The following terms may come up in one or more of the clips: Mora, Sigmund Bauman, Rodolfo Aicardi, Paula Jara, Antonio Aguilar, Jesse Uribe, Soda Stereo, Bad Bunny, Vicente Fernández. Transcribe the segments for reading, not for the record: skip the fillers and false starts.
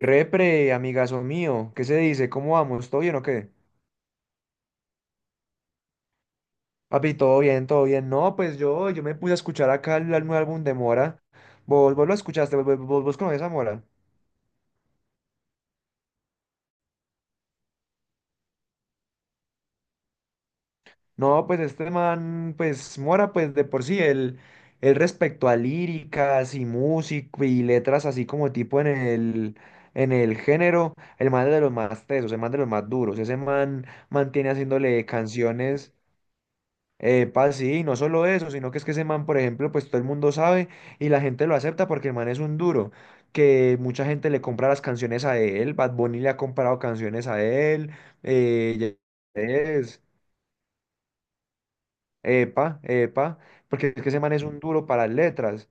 Repre, amigazo mío, ¿qué se dice? ¿Cómo vamos? ¿Todo bien o qué? Papi, todo bien, todo bien. No, pues yo me puse a escuchar acá el nuevo álbum de Mora. ¿Vos lo escuchaste? ¿Vos conoces a Mora? No, pues este man, pues Mora, pues de por sí, él respecto a líricas y música y letras así como tipo en el género, el man es de los más tesos, el man de los más duros. Ese man mantiene haciéndole canciones. Epa, sí, no solo eso, sino que es que ese man, por ejemplo, pues todo el mundo sabe y la gente lo acepta porque el man es un duro, que mucha gente le compra las canciones a él, Bad Bunny le ha comprado canciones a él, eh, Ye- es, epa, epa, porque es que ese man es un duro para las letras.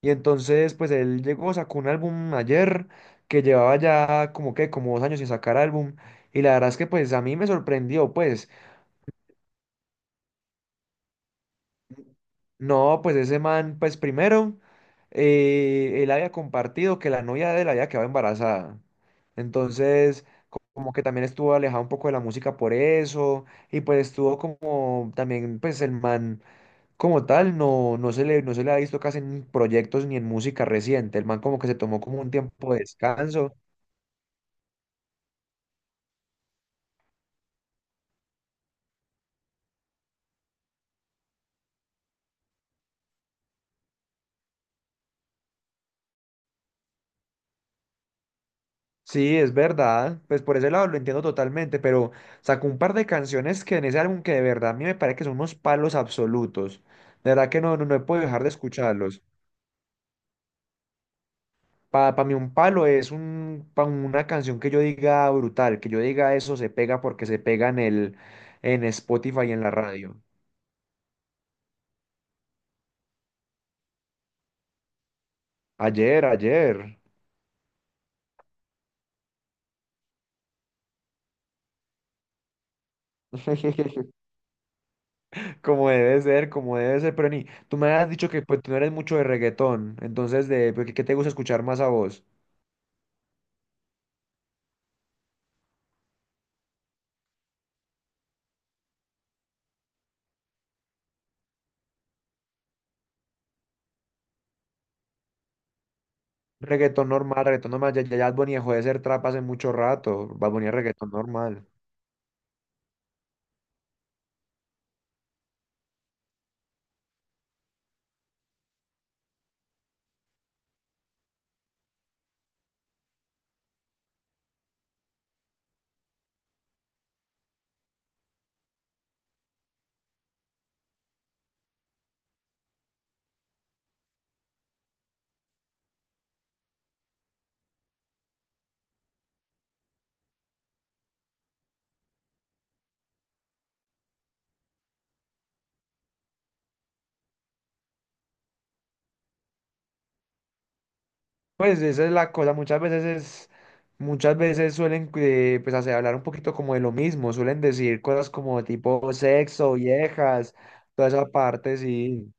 Y entonces, pues él llegó, sacó un álbum ayer que llevaba ya como que, como 2 años sin sacar álbum, y la verdad es que pues a mí me sorprendió, pues. No, pues ese man, pues primero, él había compartido que la novia de él había quedado embarazada. Entonces, como que también estuvo alejado un poco de la música por eso, y pues estuvo como también, pues el man como tal, no se le ha visto casi en proyectos ni en música reciente. El man como que se tomó como un tiempo de descanso. Sí, es verdad, pues por ese lado lo entiendo totalmente, pero sacó un par de canciones que en ese álbum que de verdad a mí me parece que son unos palos absolutos. De verdad que no he podido dejar de escucharlos. Para mí un palo es un, pa' una canción que yo diga brutal, que yo diga eso se pega porque se pega en Spotify y en la radio. Ayer, ayer. Como debe ser, pero ni, tú me has dicho que pues, tú no eres mucho de reggaetón, entonces de pues, ¿qué te gusta escuchar más a vos? Reggaetón normal, reggaetón normal. Ya Bad Bunny dejó de ser trap hace mucho rato. Bad Bunny es reggaetón normal. Pues esa es la cosa. Muchas veces suelen pues hacer hablar un poquito como de lo mismo. Suelen decir cosas como tipo sexo, viejas, toda esa parte, sí.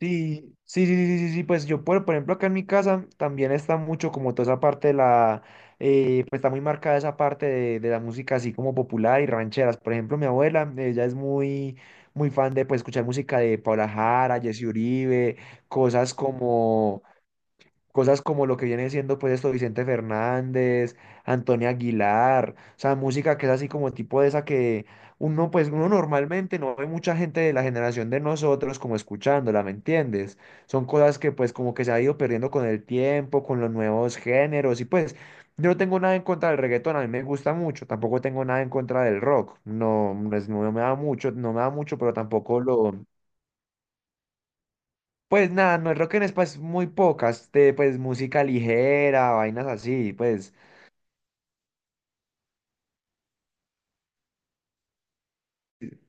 Sí, sí, sí, sí, sí, sí, pues yo, por ejemplo, acá en mi casa también está mucho como toda esa parte de la, pues está muy marcada esa parte de la música así como popular y rancheras. Por ejemplo, mi abuela, ella es muy, muy fan de pues escuchar música de Paula Jara, Jesse Uribe, cosas como... Cosas como lo que viene siendo pues esto Vicente Fernández, Antonio Aguilar, o sea, música que es así como tipo de esa que uno pues uno normalmente no ve mucha gente de la generación de nosotros como escuchándola, ¿me entiendes? Son cosas que pues como que se ha ido perdiendo con el tiempo, con los nuevos géneros y pues yo no tengo nada en contra del reggaetón, a mí me gusta mucho, tampoco tengo nada en contra del rock, no, pues, no me da mucho, no me da mucho, pero tampoco lo pues nada, no es rock en español, es muy pocas, de, pues música ligera, vainas así, pues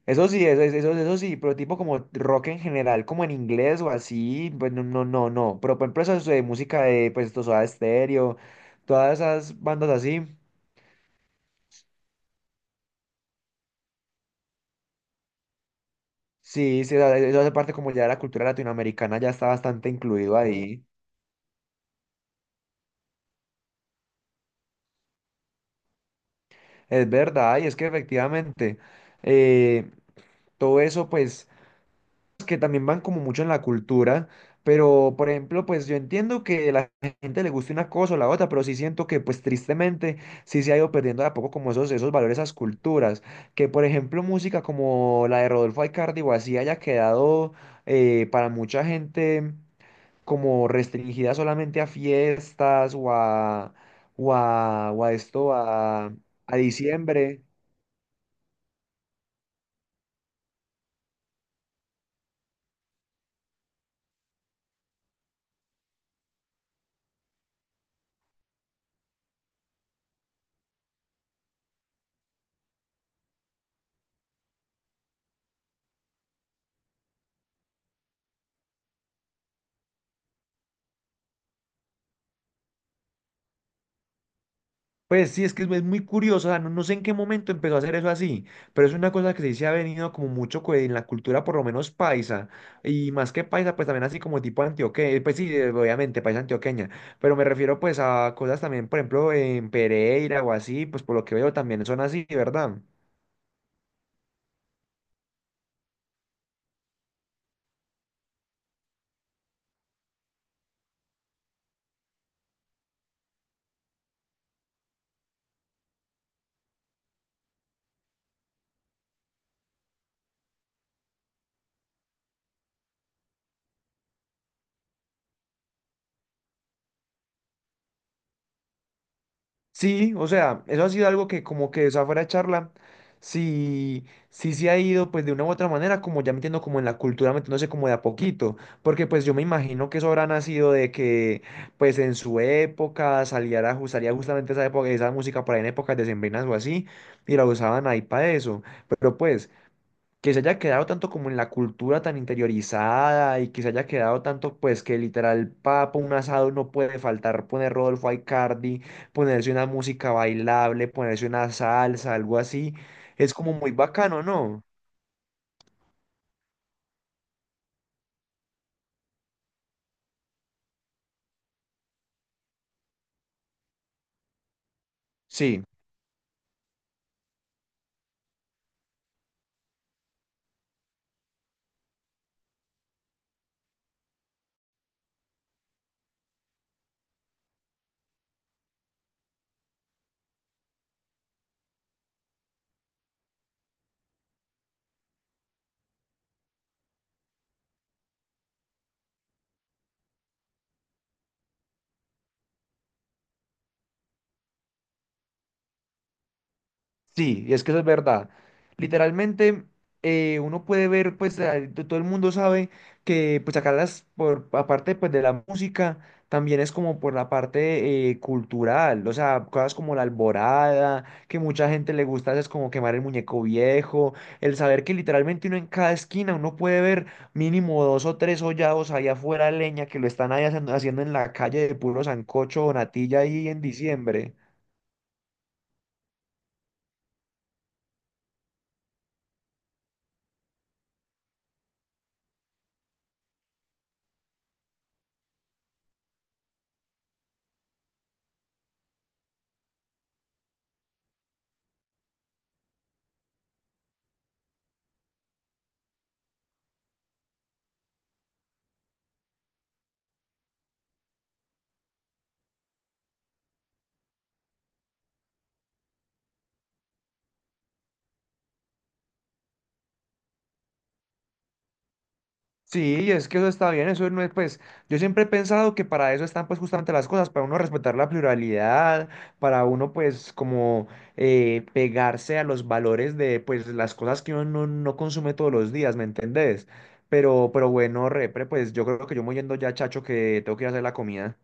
eso sí, eso sí, pero tipo como rock en general, como en inglés o así, pues no, pero por ejemplo eso es de música de, pues esto, Soda Stereo, todas esas bandas así, sí, sí, o sea, eso hace parte como ya de la cultura latinoamericana, ya está bastante incluido ahí, es verdad, y es que efectivamente, eh, todo eso pues que también van como mucho en la cultura, pero por ejemplo, pues yo entiendo que la gente le guste una cosa o la otra, pero sí siento que pues tristemente sí se ha ido perdiendo de a poco como esos, esos valores, esas culturas, que por ejemplo música como la de Rodolfo Aicardi o así haya quedado para mucha gente como restringida solamente a fiestas o a, o a esto, a diciembre. Pues sí, es que es muy curioso, o sea, no, no sé en qué momento empezó a hacer eso así, pero es una cosa que sí se ha venido como mucho en la cultura, por lo menos paisa, y más que paisa, pues también así como tipo antioqueña, pues sí, obviamente, paisa antioqueña, pero me refiero pues a cosas también, por ejemplo, en Pereira o así, pues por lo que veo también son así, ¿verdad? Sí, o sea, eso ha sido algo que como que esa fuera de charla, sí, sí se ha ido pues de una u otra manera, como ya metiendo como en la cultura, metiéndose como de a poquito, porque pues yo me imagino que eso habrá nacido de que pues en su época saliera, salía justamente esa época, esa música por ahí en épocas decembrinas o así, y la usaban ahí para eso, pero pues que se haya quedado tanto como en la cultura tan interiorizada y que se haya quedado tanto pues que literal papo un asado no puede faltar poner Rodolfo Aicardi, ponerse una música bailable, ponerse una salsa, algo así, es como muy bacano, ¿no? Sí. Sí, es que eso es verdad. Literalmente, uno puede ver, pues, todo el mundo sabe que, pues, acá las, por, aparte, pues, de la música, también es como por la parte cultural, o sea, cosas como la alborada, que mucha gente le gusta, es como quemar el muñeco viejo, el saber que literalmente uno en cada esquina, uno puede ver mínimo 2 o 3 hollados allá afuera, leña, que lo están ahí haciendo, haciendo en la calle de puro sancocho o natilla ahí en diciembre. Sí, es que eso está bien, eso no es, pues, yo siempre he pensado que para eso están, pues, justamente las cosas, para uno respetar la pluralidad, para uno, pues, como pegarse a los valores de, pues, las cosas que uno no consume todos los días, ¿me entendés? Pero bueno, repre, pues, yo creo que yo me voy yendo ya, chacho, que tengo que ir a hacer la comida.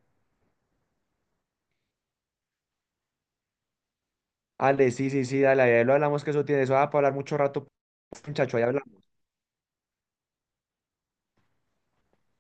Ale, sí, sí, sí, dale, ahí lo hablamos, que eso tiene, eso va para hablar mucho rato, pues, chacho, ahí hablamos.